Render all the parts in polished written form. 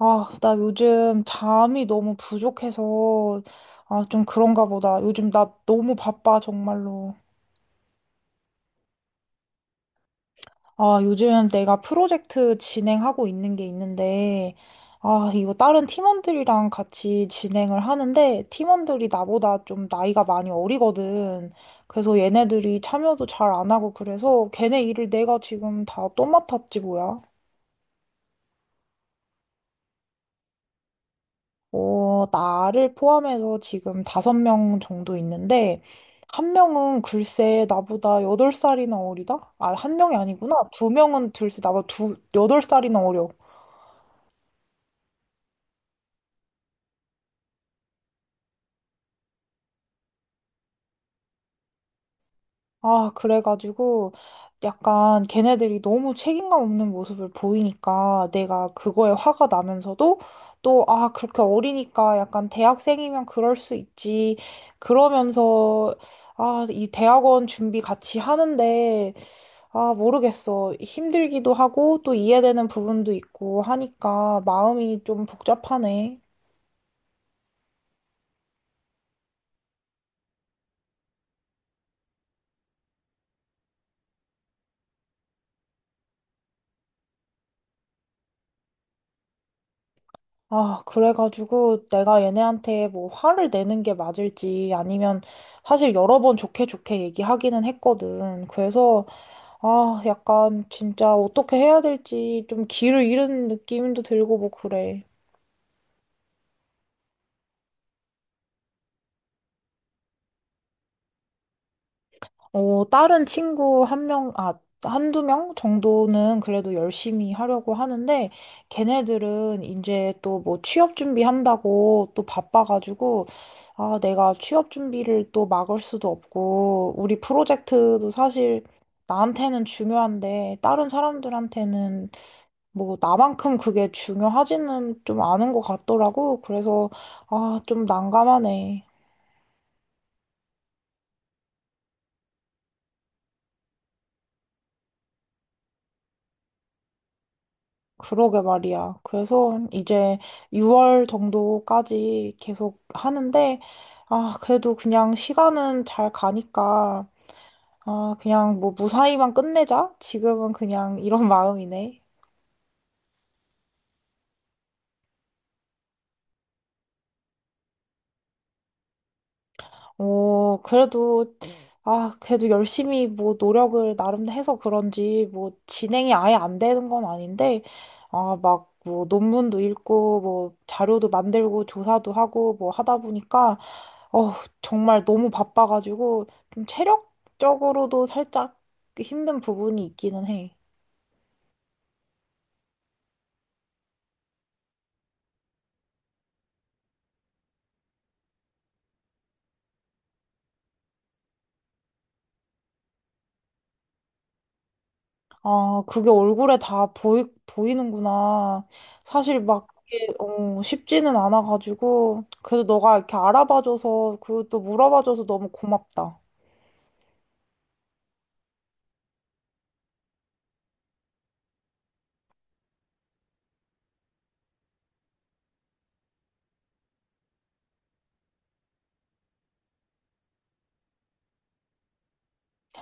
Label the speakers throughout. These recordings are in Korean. Speaker 1: 아, 나 요즘 잠이 너무 부족해서, 아, 좀 그런가 보다. 요즘 나 너무 바빠, 정말로. 아, 요즘 내가 프로젝트 진행하고 있는 게 있는데, 아, 이거 다른 팀원들이랑 같이 진행을 하는데, 팀원들이 나보다 좀 나이가 많이 어리거든. 그래서 얘네들이 참여도 잘 안 하고 그래서 걔네 일을 내가 지금 다 또 맡았지, 뭐야. 어, 나를 포함해서 지금 다섯 명 정도 있는데, 한 명은 글쎄 나보다 여덟 살이나 어리다? 아, 한 명이 아니구나. 두 명은 글쎄 나보다 두, 여덟 살이나 어려. 아, 그래가지고 약간 걔네들이 너무 책임감 없는 모습을 보이니까 내가 그거에 화가 나면서도 또, 아, 그렇게 어리니까 약간 대학생이면 그럴 수 있지. 그러면서, 아, 이 대학원 준비 같이 하는데, 아, 모르겠어. 힘들기도 하고 또 이해되는 부분도 있고 하니까 마음이 좀 복잡하네. 아, 그래가지고 내가 얘네한테 뭐 화를 내는 게 맞을지 아니면 사실 여러 번 좋게 좋게 얘기하기는 했거든. 그래서 아, 약간 진짜 어떻게 해야 될지 좀 길을 잃은 느낌도 들고 뭐 그래. 어, 다른 친구 한 명, 아, 한두 명 정도는 그래도 열심히 하려고 하는데, 걔네들은 이제 또 뭐 취업 준비한다고 또 바빠가지고, 아, 내가 취업 준비를 또 막을 수도 없고, 우리 프로젝트도 사실 나한테는 중요한데, 다른 사람들한테는 뭐 나만큼 그게 중요하지는 좀 않은 것 같더라고. 그래서, 아, 좀 난감하네. 그러게 말이야. 그래서 한 이제 6월 정도까지 계속 하는데, 아, 그래도 그냥 시간은 잘 가니까, 아, 그냥 뭐 무사히만 끝내자? 지금은 그냥 이런 마음이네. 어, 그래도, 아, 그래도 열심히 뭐 노력을 나름 해서 그런지 뭐 진행이 아예 안 되는 건 아닌데, 아, 막 뭐 논문도 읽고 뭐 자료도 만들고 조사도 하고 뭐 하다 보니까 어, 정말 너무 바빠가지고 좀 체력적으로도 살짝 힘든 부분이 있기는 해. 아, 그게 얼굴에 다 보이는구나. 사실 막 이게 어, 쉽지는 않아가지고 그래도 너가 이렇게 알아봐줘서 그리고 또 물어봐줘서 너무 고맙다.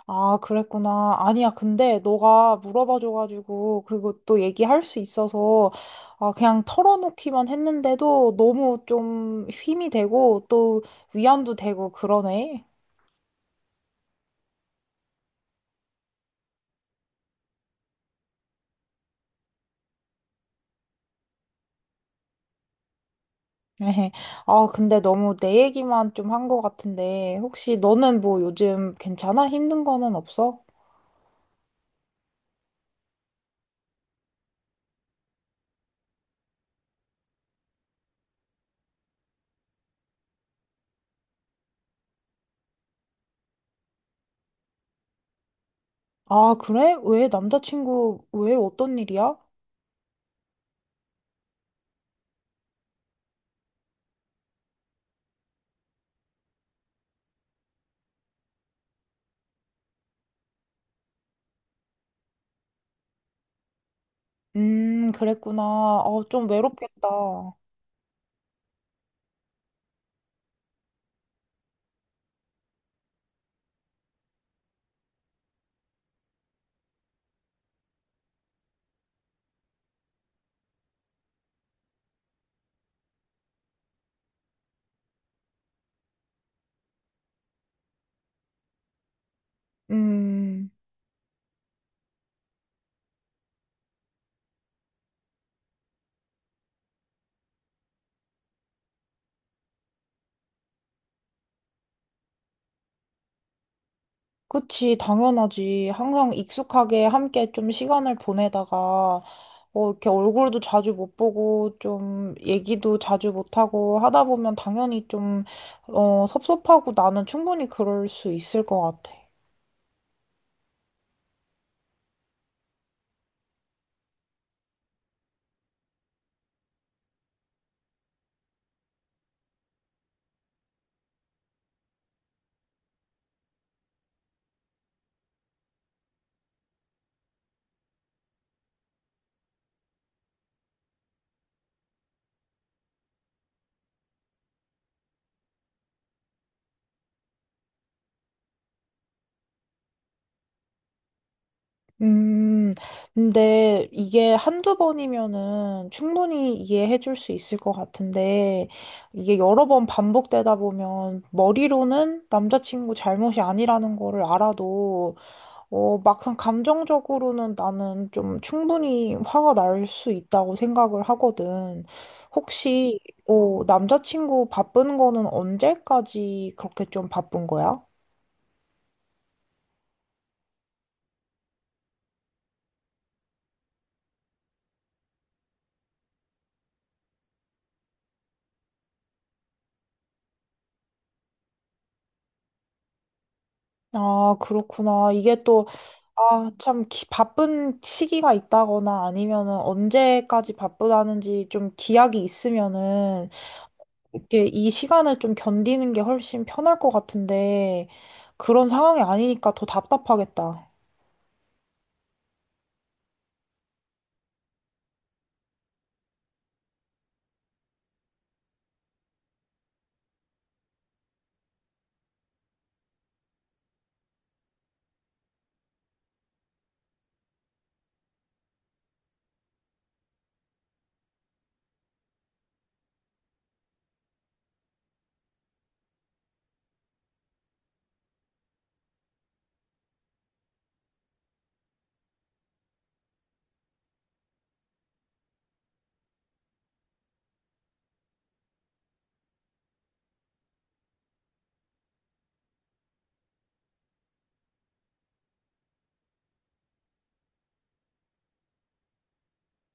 Speaker 1: 아, 그랬구나. 아니야, 근데 너가 물어봐줘가지고 그것도 얘기할 수 있어서 아, 그냥 털어놓기만 했는데도 너무 좀 힘이 되고 또 위안도 되고 그러네. 아, 근데 너무 내 얘기만 좀 한 것 같은데 혹시 너는 뭐 요즘 괜찮아? 힘든 거는 없어? 아, 그래? 왜 남자친구 왜 어떤 일이야? 그랬구나. 어, 좀 외롭겠다. 음. 그치, 당연하지. 항상 익숙하게 함께 좀 시간을 보내다가, 어, 이렇게 얼굴도 자주 못 보고, 좀 얘기도 자주 못하고 하다 보면 당연히 좀, 어, 섭섭하고 나는 충분히 그럴 수 있을 것 같아. 음, 근데 이게 한두 번이면은 충분히 이해해 줄 수 있을 것 같은데, 이게 여러 번 반복되다 보면 머리로는 남자친구 잘못이 아니라는 거를 알아도 어, 막상 감정적으로는 나는 좀 충분히 화가 날 수 있다고 생각을 하거든. 혹시, 어, 남자친구 바쁜 거는 언제까지 그렇게 좀 바쁜 거야? 아, 그렇구나. 이게 또, 아, 참, 바쁜 시기가 있다거나 아니면은 언제까지 바쁘다는지 좀 기약이 있으면은 이렇게 이 시간을 좀 견디는 게 훨씬 편할 것 같은데 그런 상황이 아니니까 더 답답하겠다.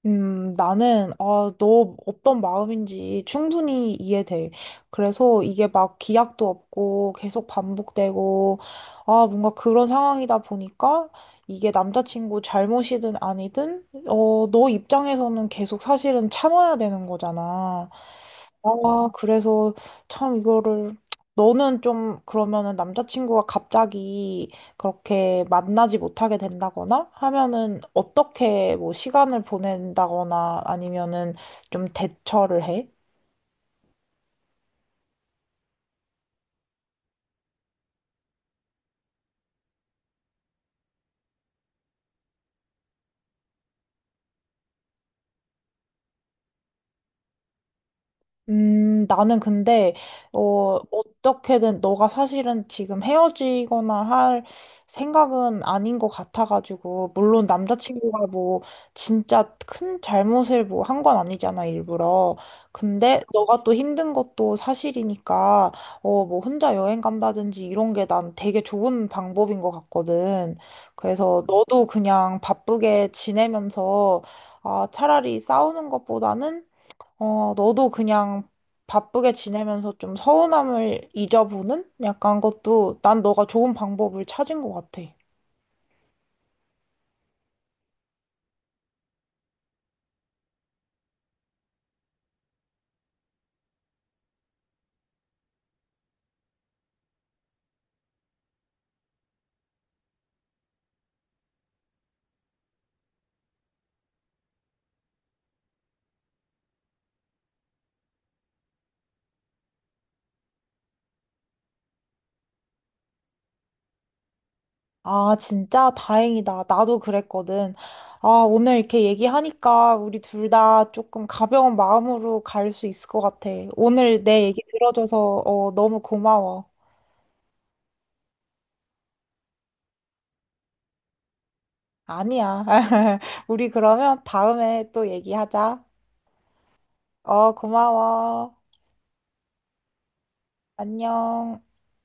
Speaker 1: 나는, 아, 너 어떤 마음인지 충분히 이해돼. 그래서 이게 막 기약도 없고 계속 반복되고, 아, 뭔가 그런 상황이다 보니까 이게 남자친구 잘못이든 아니든, 어, 너 입장에서는 계속 사실은 참아야 되는 거잖아. 아, 그래서 참 이거를 너는 좀 그러면은 남자친구가 갑자기 그렇게 만나지 못하게 된다거나 하면은 어떻게 뭐 시간을 보낸다거나 아니면은 좀 대처를 해? 나는 근데, 어, 어떻게든 너가 사실은 지금 헤어지거나 할 생각은 아닌 것 같아가지고, 물론 남자친구가 뭐, 진짜 큰 잘못을 뭐 한 건 아니잖아, 일부러. 근데 너가 또 힘든 것도 사실이니까, 어, 뭐 혼자 여행 간다든지 이런 게 난 되게 좋은 방법인 것 같거든. 그래서 너도 그냥 바쁘게 지내면서, 아, 차라리 싸우는 것보다는 어, 너도 그냥 바쁘게 지내면서 좀 서운함을 잊어보는? 약간 것도 난 너가 좋은 방법을 찾은 것 같아. 아, 진짜 다행이다. 나도 그랬거든. 아, 오늘 이렇게 얘기하니까 우리 둘 다 조금 가벼운 마음으로 갈 수 있을 것 같아. 오늘 내 얘기 들어줘서 어, 너무 고마워. 아니야. 우리 그러면 다음에 또 얘기하자. 어, 고마워. 안녕.